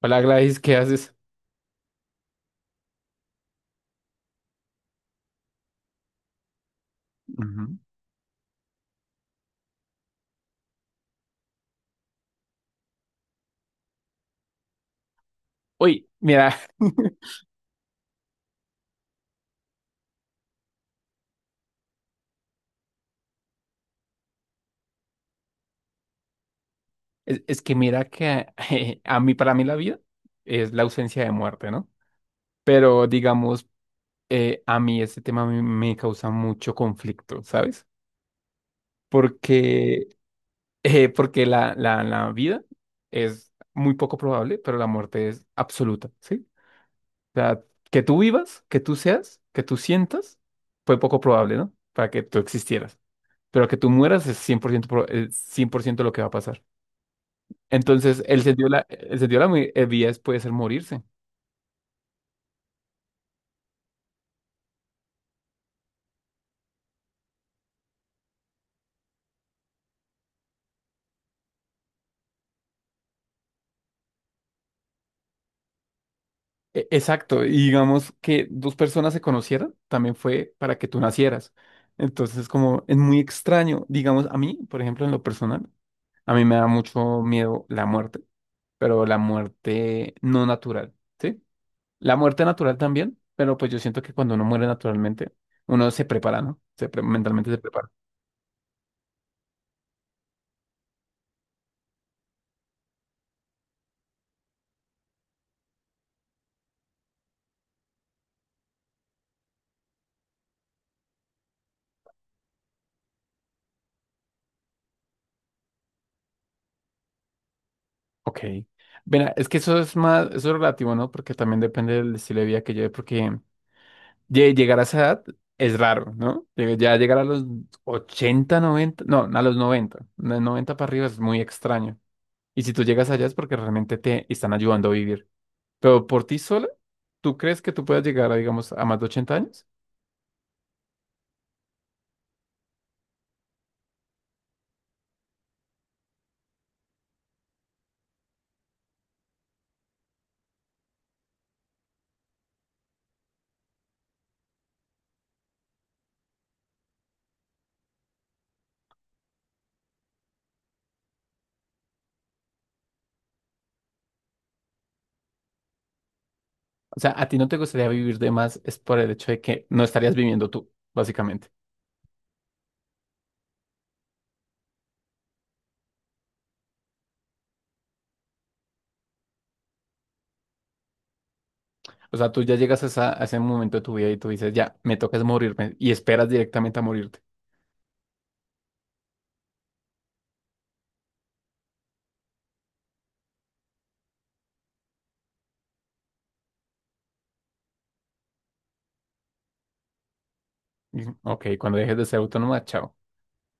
Hola Gladys, ¿qué haces? Uy, mira, es que mira que a mí, para mí la vida es la ausencia de muerte, ¿no? Pero digamos, a mí este tema me causa mucho conflicto, ¿sabes? Porque, porque la vida es muy poco probable, pero la muerte es absoluta, ¿sí? O sea, que tú vivas, que tú seas, que tú sientas, fue poco probable, ¿no? Para que tú existieras. Pero que tú mueras es 100% es 100% lo que va a pasar. Entonces, el sentido de la vida puede ser morirse. Exacto, y digamos que dos personas se conocieran también fue para que tú nacieras. Entonces, como es muy extraño, digamos, a mí, por ejemplo, en lo personal, a mí me da mucho miedo la muerte, pero la muerte no natural, ¿sí? La muerte natural también, pero pues yo siento que cuando uno muere naturalmente, uno se prepara, ¿no? Mentalmente se prepara. Ok. Mira, es que eso es más, eso es relativo, ¿no? Porque también depende del estilo de vida que lleve, porque llegar a esa edad es raro, ¿no? Ya llegar a los 80, 90, no, a los 90, de 90 para arriba es muy extraño. Y si tú llegas allá es porque realmente te están ayudando a vivir. Pero por ti sola, ¿tú crees que tú puedas llegar, a, digamos, a más de 80 años? O sea, a ti no te gustaría vivir de más es por el hecho de que no estarías viviendo tú, básicamente. O sea, tú ya llegas a ese momento de tu vida y tú dices, ya, me toca es morirme y esperas directamente a morirte. Y, ok, cuando dejes de ser autónoma, chao.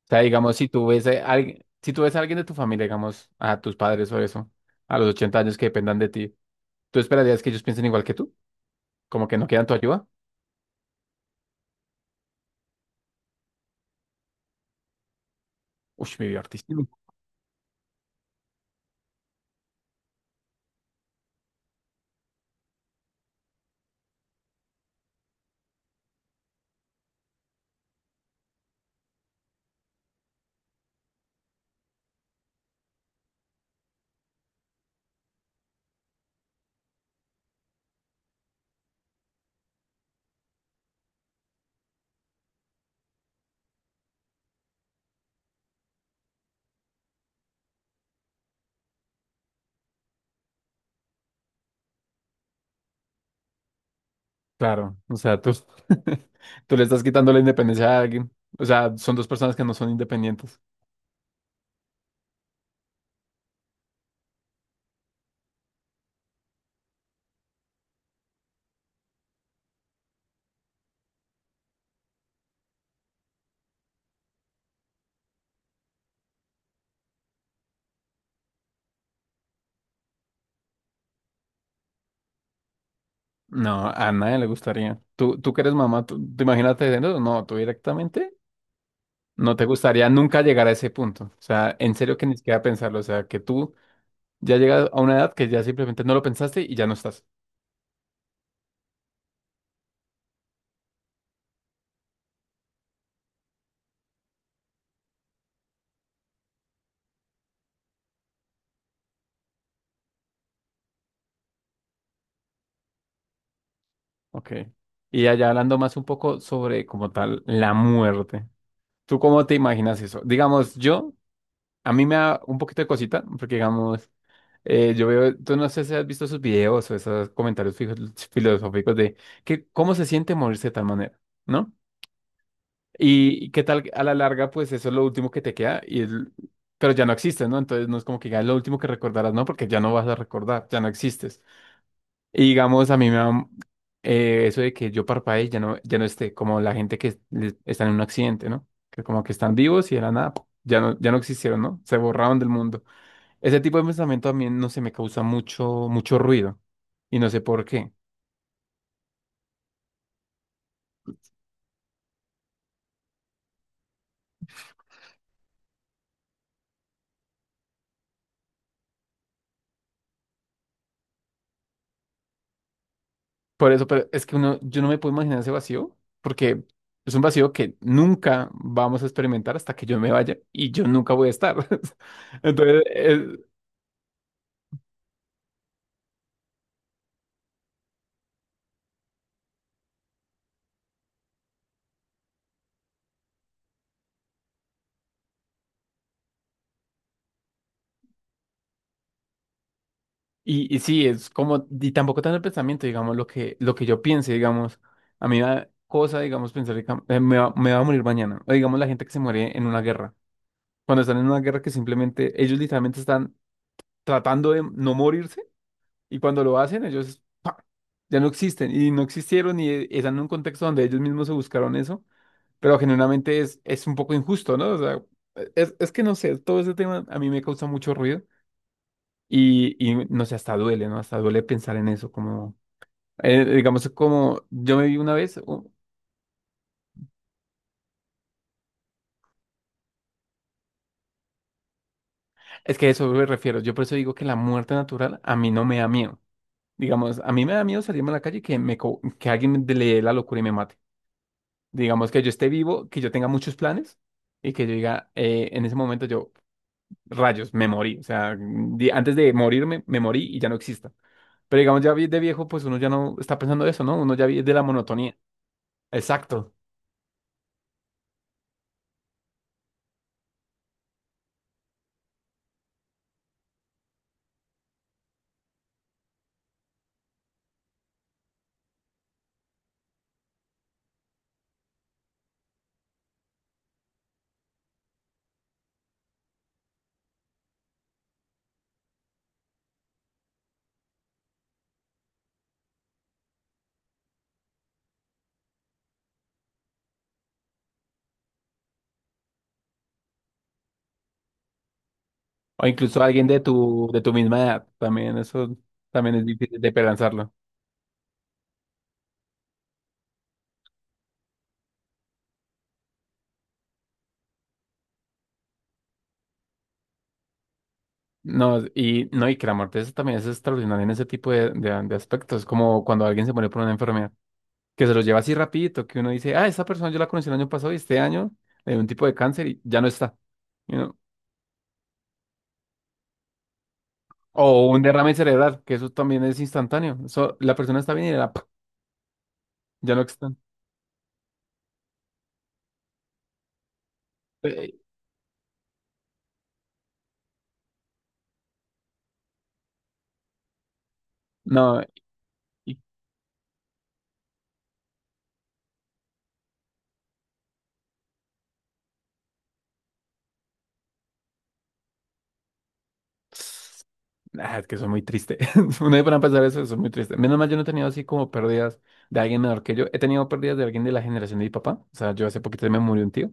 Sea, digamos, si tú ves a alguien, si tú ves a alguien de tu familia, digamos, a tus padres o eso, a los 80 años que dependan de ti, ¿tú esperarías que ellos piensen igual que tú? ¿Como que no quieran tu ayuda? Uy, mi vida artística. Claro, o sea, tú, tú le estás quitando la independencia a alguien. O sea, son dos personas que no son independientes. No, a nadie le gustaría. Tú que eres mamá, tú imagínate, no, no, tú directamente no te gustaría nunca llegar a ese punto. O sea, en serio que ni siquiera pensarlo. O sea, que tú ya llegas a una edad que ya simplemente no lo pensaste y ya no estás. Ok. Y allá hablando más un poco sobre como tal la muerte. ¿Tú cómo te imaginas eso? Digamos, yo, a mí me da un poquito de cosita, porque digamos, yo veo, tú no sé si has visto esos videos o esos comentarios filosóficos de que cómo se siente morirse de tal manera, ¿no? Y qué tal a la larga, pues eso es lo último que te queda, pero ya no existes, ¿no? Entonces no es como que ya es lo último que recordarás, ¿no? Porque ya no vas a recordar, ya no existes. Y digamos, a mí me da eso de que yo parpadee y ya no esté, como la gente está en un accidente, ¿no? Que como que están vivos y de la nada, pu, ya no existieron, ¿no? Se borraron del mundo. Ese tipo de pensamiento también no se me causa mucho, mucho ruido. Y no sé por qué. Por eso, pero es que uno, yo no me puedo imaginar ese vacío, porque es un vacío que nunca vamos a experimentar hasta que yo me vaya y yo nunca voy a estar. Entonces, y sí, es como, y tampoco tanto el pensamiento, digamos, lo que yo piense, digamos, a mí me da cosa, digamos, pensar que me va a morir mañana, o digamos la gente que se muere en una guerra, cuando están en una guerra que simplemente ellos literalmente están tratando de no morirse, y cuando lo hacen ellos ¡pa! Ya no existen, y no existieron, y están en un contexto donde ellos mismos se buscaron eso, pero genuinamente es un poco injusto, ¿no? O sea, es que no sé, todo ese tema a mí me causa mucho ruido. Y no sé, hasta duele, ¿no? Hasta duele pensar en eso, como digamos, como yo me vi una vez. Es que a eso me refiero. Yo por eso digo que la muerte natural a mí no me da miedo. Digamos, a mí me da miedo salirme a la calle y que alguien le dé la locura y me mate. Digamos que yo esté vivo, que yo tenga muchos planes y que yo diga, en ese momento yo, rayos, me morí. O sea, antes de morirme, me morí y ya no exista. Pero digamos, de viejo, pues uno ya no está pensando eso, ¿no? Uno ya vive de la monotonía. Exacto. O incluso alguien de tu misma edad. También eso también es difícil de pensarlo. No, y no, y que la muerte también es extraordinaria en ese tipo de aspectos, como cuando alguien se muere por una enfermedad, que se lo lleva así rapidito, que uno dice, ah, esa persona yo la conocí el año pasado y este año le dio un tipo de cáncer y ya no está. you know. O un derrame cerebral, que eso también es instantáneo. Eso, la persona está bien y ya no está. Eh, No, y, es que eso es muy triste. Uno de para empezar eso es muy triste. Menos mal yo no he tenido así como pérdidas de alguien menor que yo. He tenido pérdidas de alguien de la generación de mi papá. O sea, yo hace poquito me murió un tío.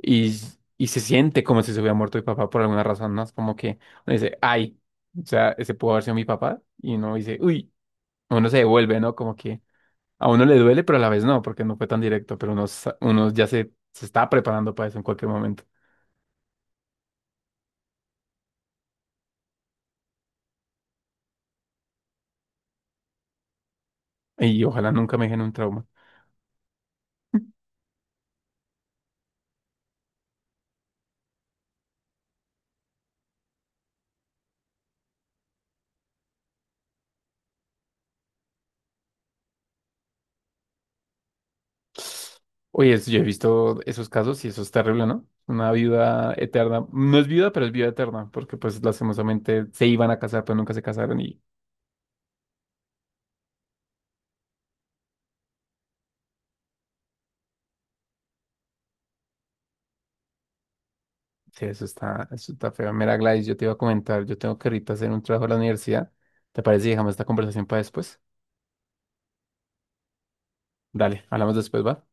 Y, y se siente como si se hubiera muerto mi papá por alguna razón, ¿no? Es como que uno dice, ay, o sea, ese pudo haber sido mi papá. Y uno dice, uy, uno se devuelve, ¿no? Como que a uno le duele, pero a la vez no, porque no fue tan directo, pero uno, uno ya se está preparando para eso en cualquier momento. Y ojalá nunca me dejen un trauma. Oye, yo he visto esos casos y eso es terrible, ¿no? Una viuda eterna. No es viuda, pero es viuda eterna, porque pues lastimosamente se iban a casar, pero nunca se casaron. Sí, eso está feo. Mira, Gladys, yo te iba a comentar, yo tengo que ahorita hacer un trabajo a la universidad. ¿Te parece si dejamos esta conversación para después? Dale, hablamos después, ¿va?